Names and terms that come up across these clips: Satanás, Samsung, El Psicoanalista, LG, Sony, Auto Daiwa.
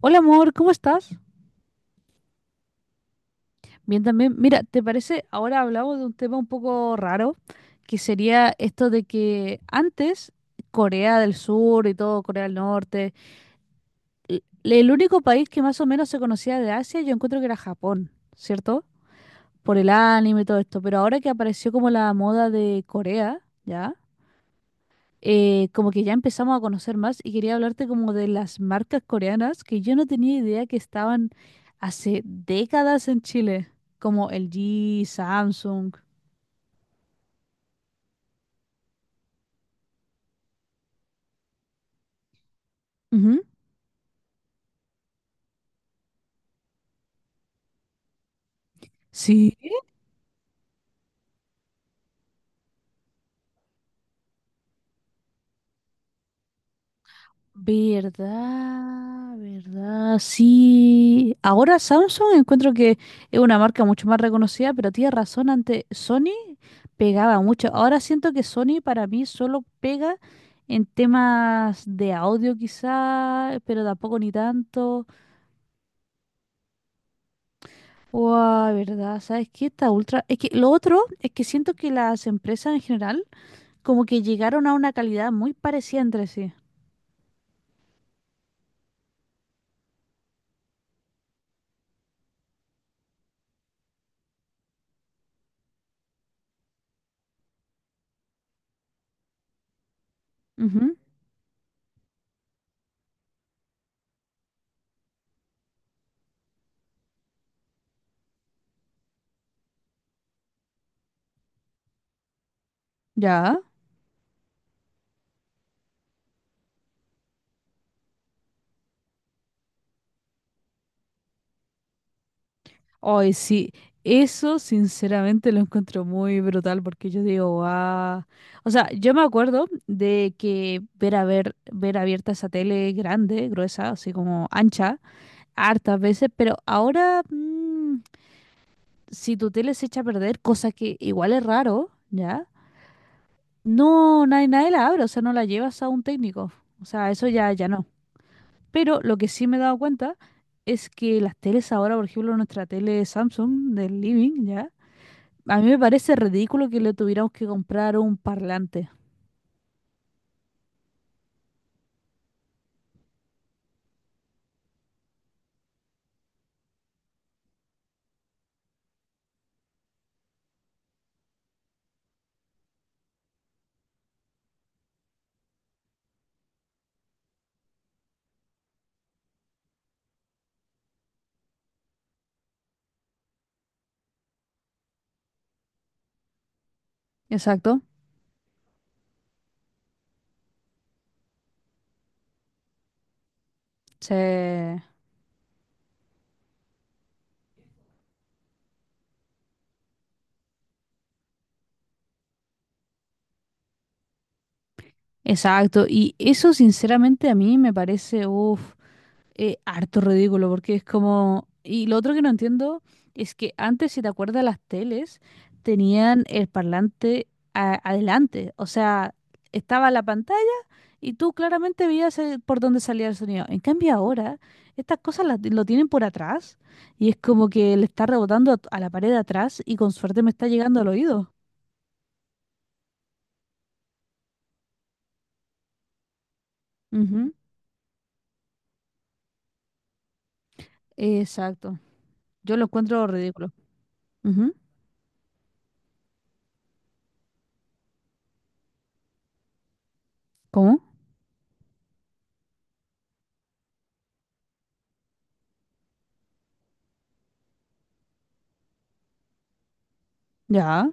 Hola amor, ¿cómo estás? Bien también. Mira, ¿te parece? Ahora hablamos de un tema un poco raro, que sería esto de que antes Corea del Sur y todo, Corea del Norte, el único país que más o menos se conocía de Asia, yo encuentro que era Japón, ¿cierto? Por el anime y todo esto, pero ahora que apareció como la moda de Corea, ¿ya? Como que ya empezamos a conocer más y quería hablarte como de las marcas coreanas que yo no tenía idea que estaban hace décadas en Chile, como LG, Samsung. Ujú. Sí. Verdad, verdad, sí. Ahora Samsung encuentro que es una marca mucho más reconocida, pero tienes razón, antes Sony pegaba mucho. Ahora siento que Sony para mí solo pega en temas de audio quizá, pero tampoco ni tanto. Wow, verdad, ¿sabes qué? Esta ultra. Es que lo otro es que siento que las empresas en general como que llegaron a una calidad muy parecida entre sí. Ujú. Ya. Hoy sí, eso sinceramente lo encuentro muy brutal porque yo digo, ah. O sea, yo me acuerdo de que ver ver abierta esa tele grande, gruesa, así como ancha, hartas veces, pero ahora, si tu tele se echa a perder, cosa que igual es raro, ¿ya? No, nadie la abre, o sea, no la llevas a un técnico. O sea, eso ya, ya no. Pero lo que sí me he dado cuenta es que las teles ahora, por ejemplo, nuestra tele Samsung del living, ¿ya? A mí me parece ridículo que le tuviéramos que comprar un parlante. Exacto. Sí. Exacto. Y eso, sinceramente, a mí me parece, uff, harto ridículo, porque es como... Y lo otro que no entiendo es que antes, si te acuerdas, las teles tenían el parlante adelante, o sea, estaba la pantalla y tú claramente veías, por dónde salía el sonido. En cambio ahora, estas cosas lo tienen por atrás y es como que le está rebotando a la pared de atrás y con suerte me está llegando al oído. Ujú. Exacto. Yo lo encuentro ridículo. Ujú. ¿Cómo? Ya,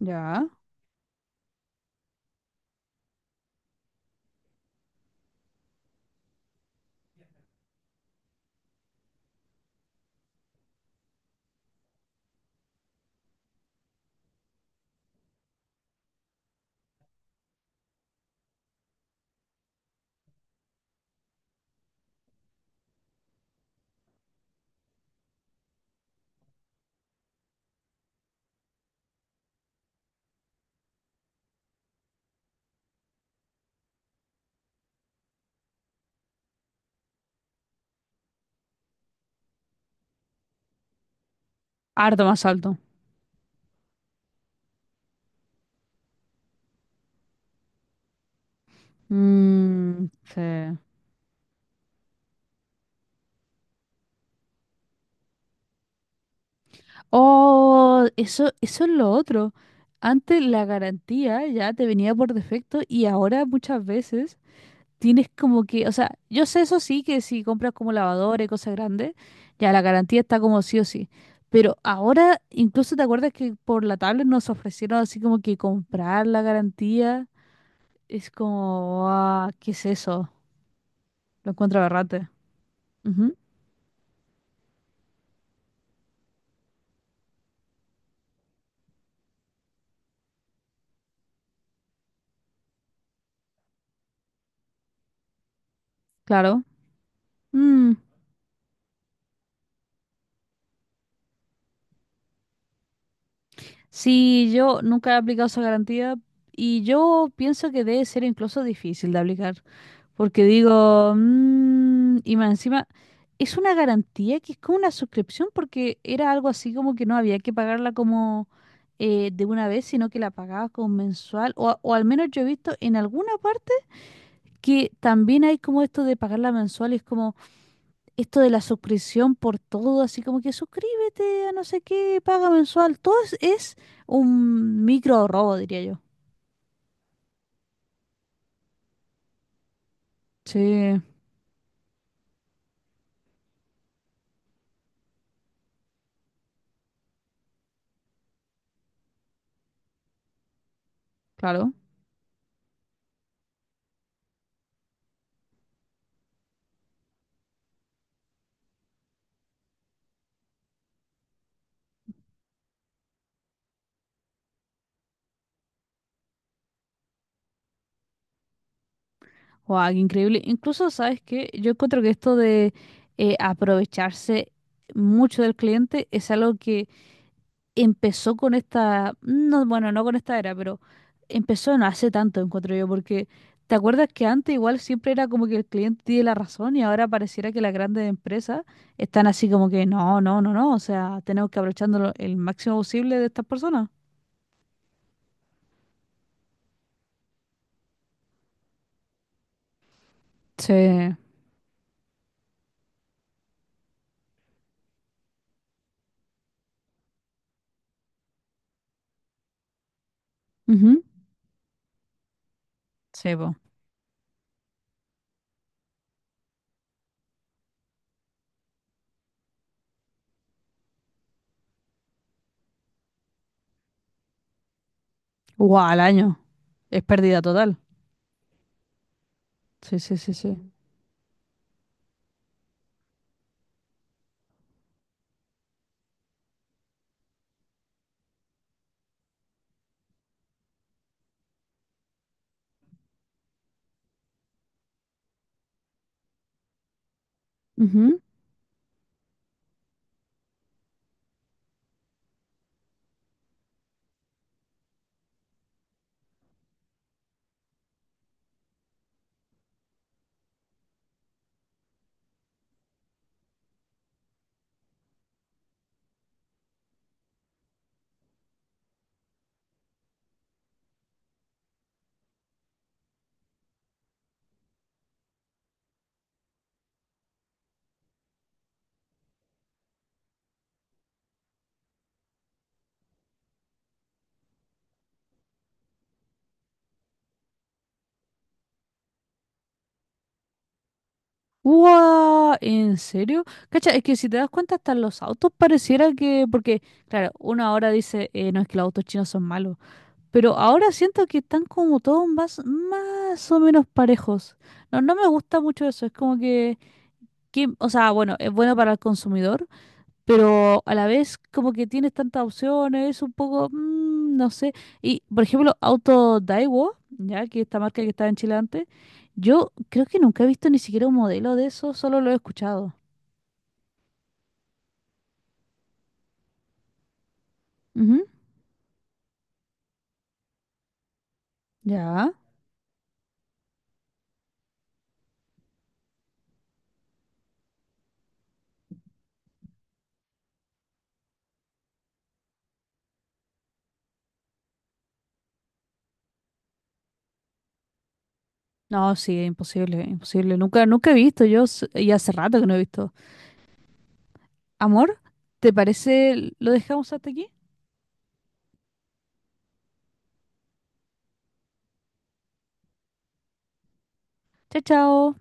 ya. Harto más alto. Mm, sí. Oh, eso es lo otro. Antes la garantía ya te venía por defecto y ahora muchas veces tienes como que, o sea, yo sé eso sí, que si compras como lavadora y cosas grandes, ya la garantía está como sí o sí. Pero ahora incluso te acuerdas que por la tablet nos ofrecieron así como que comprar la garantía. Es como, ah, ¿qué es eso? Lo encuentro aberrante. Ujú, claro. Mm. Sí, yo nunca he aplicado esa garantía y yo pienso que debe ser incluso difícil de aplicar, porque digo, mm, y más encima, es una garantía que es como una suscripción, porque era algo así como que no había que pagarla como, de una vez, sino que la pagabas como mensual, o al menos yo he visto en alguna parte que también hay como esto de pagarla mensual, y es como esto de la suscripción por todo, así como que suscríbete a no sé qué, paga mensual, todo es un micro robo, diría yo. Sí, claro. Wow, qué increíble. Incluso, ¿sabes qué? Yo encuentro que esto de, aprovecharse mucho del cliente es algo que empezó con esta, no, bueno, no con esta era, pero empezó no hace tanto, encuentro yo, porque ¿te acuerdas que antes igual siempre era como que el cliente tiene la razón y ahora pareciera que las grandes empresas están así como que no, no, no, no, o sea, tenemos que aprovecharnos el máximo posible de estas personas? Sí. Ujú. Sí, pues. Wow, al año. Es pérdida total. Sí, sí, sí, sí. Ujú. ¡Guau! ¿En serio? Cacha, es que si te das cuenta, hasta los autos pareciera que. Porque, claro, uno ahora dice, no es que los autos chinos son malos. Pero ahora siento que están como todos más, más o menos parejos. No, no me gusta mucho eso. Es como que, que. O sea, bueno, es bueno para el consumidor, pero a la vez como que tienes tantas opciones, es un poco, mm, no sé. Y, por ejemplo, Auto Daiwa, ya que esta marca que estaba en Chile antes, yo creo que nunca he visto ni siquiera un modelo de eso, solo lo he escuchado. Ujú. Ya. No, sí, imposible, imposible. Nunca, nunca he visto, yo, y hace rato que no he visto. Amor, ¿te parece lo dejamos hasta aquí? Chao, chao.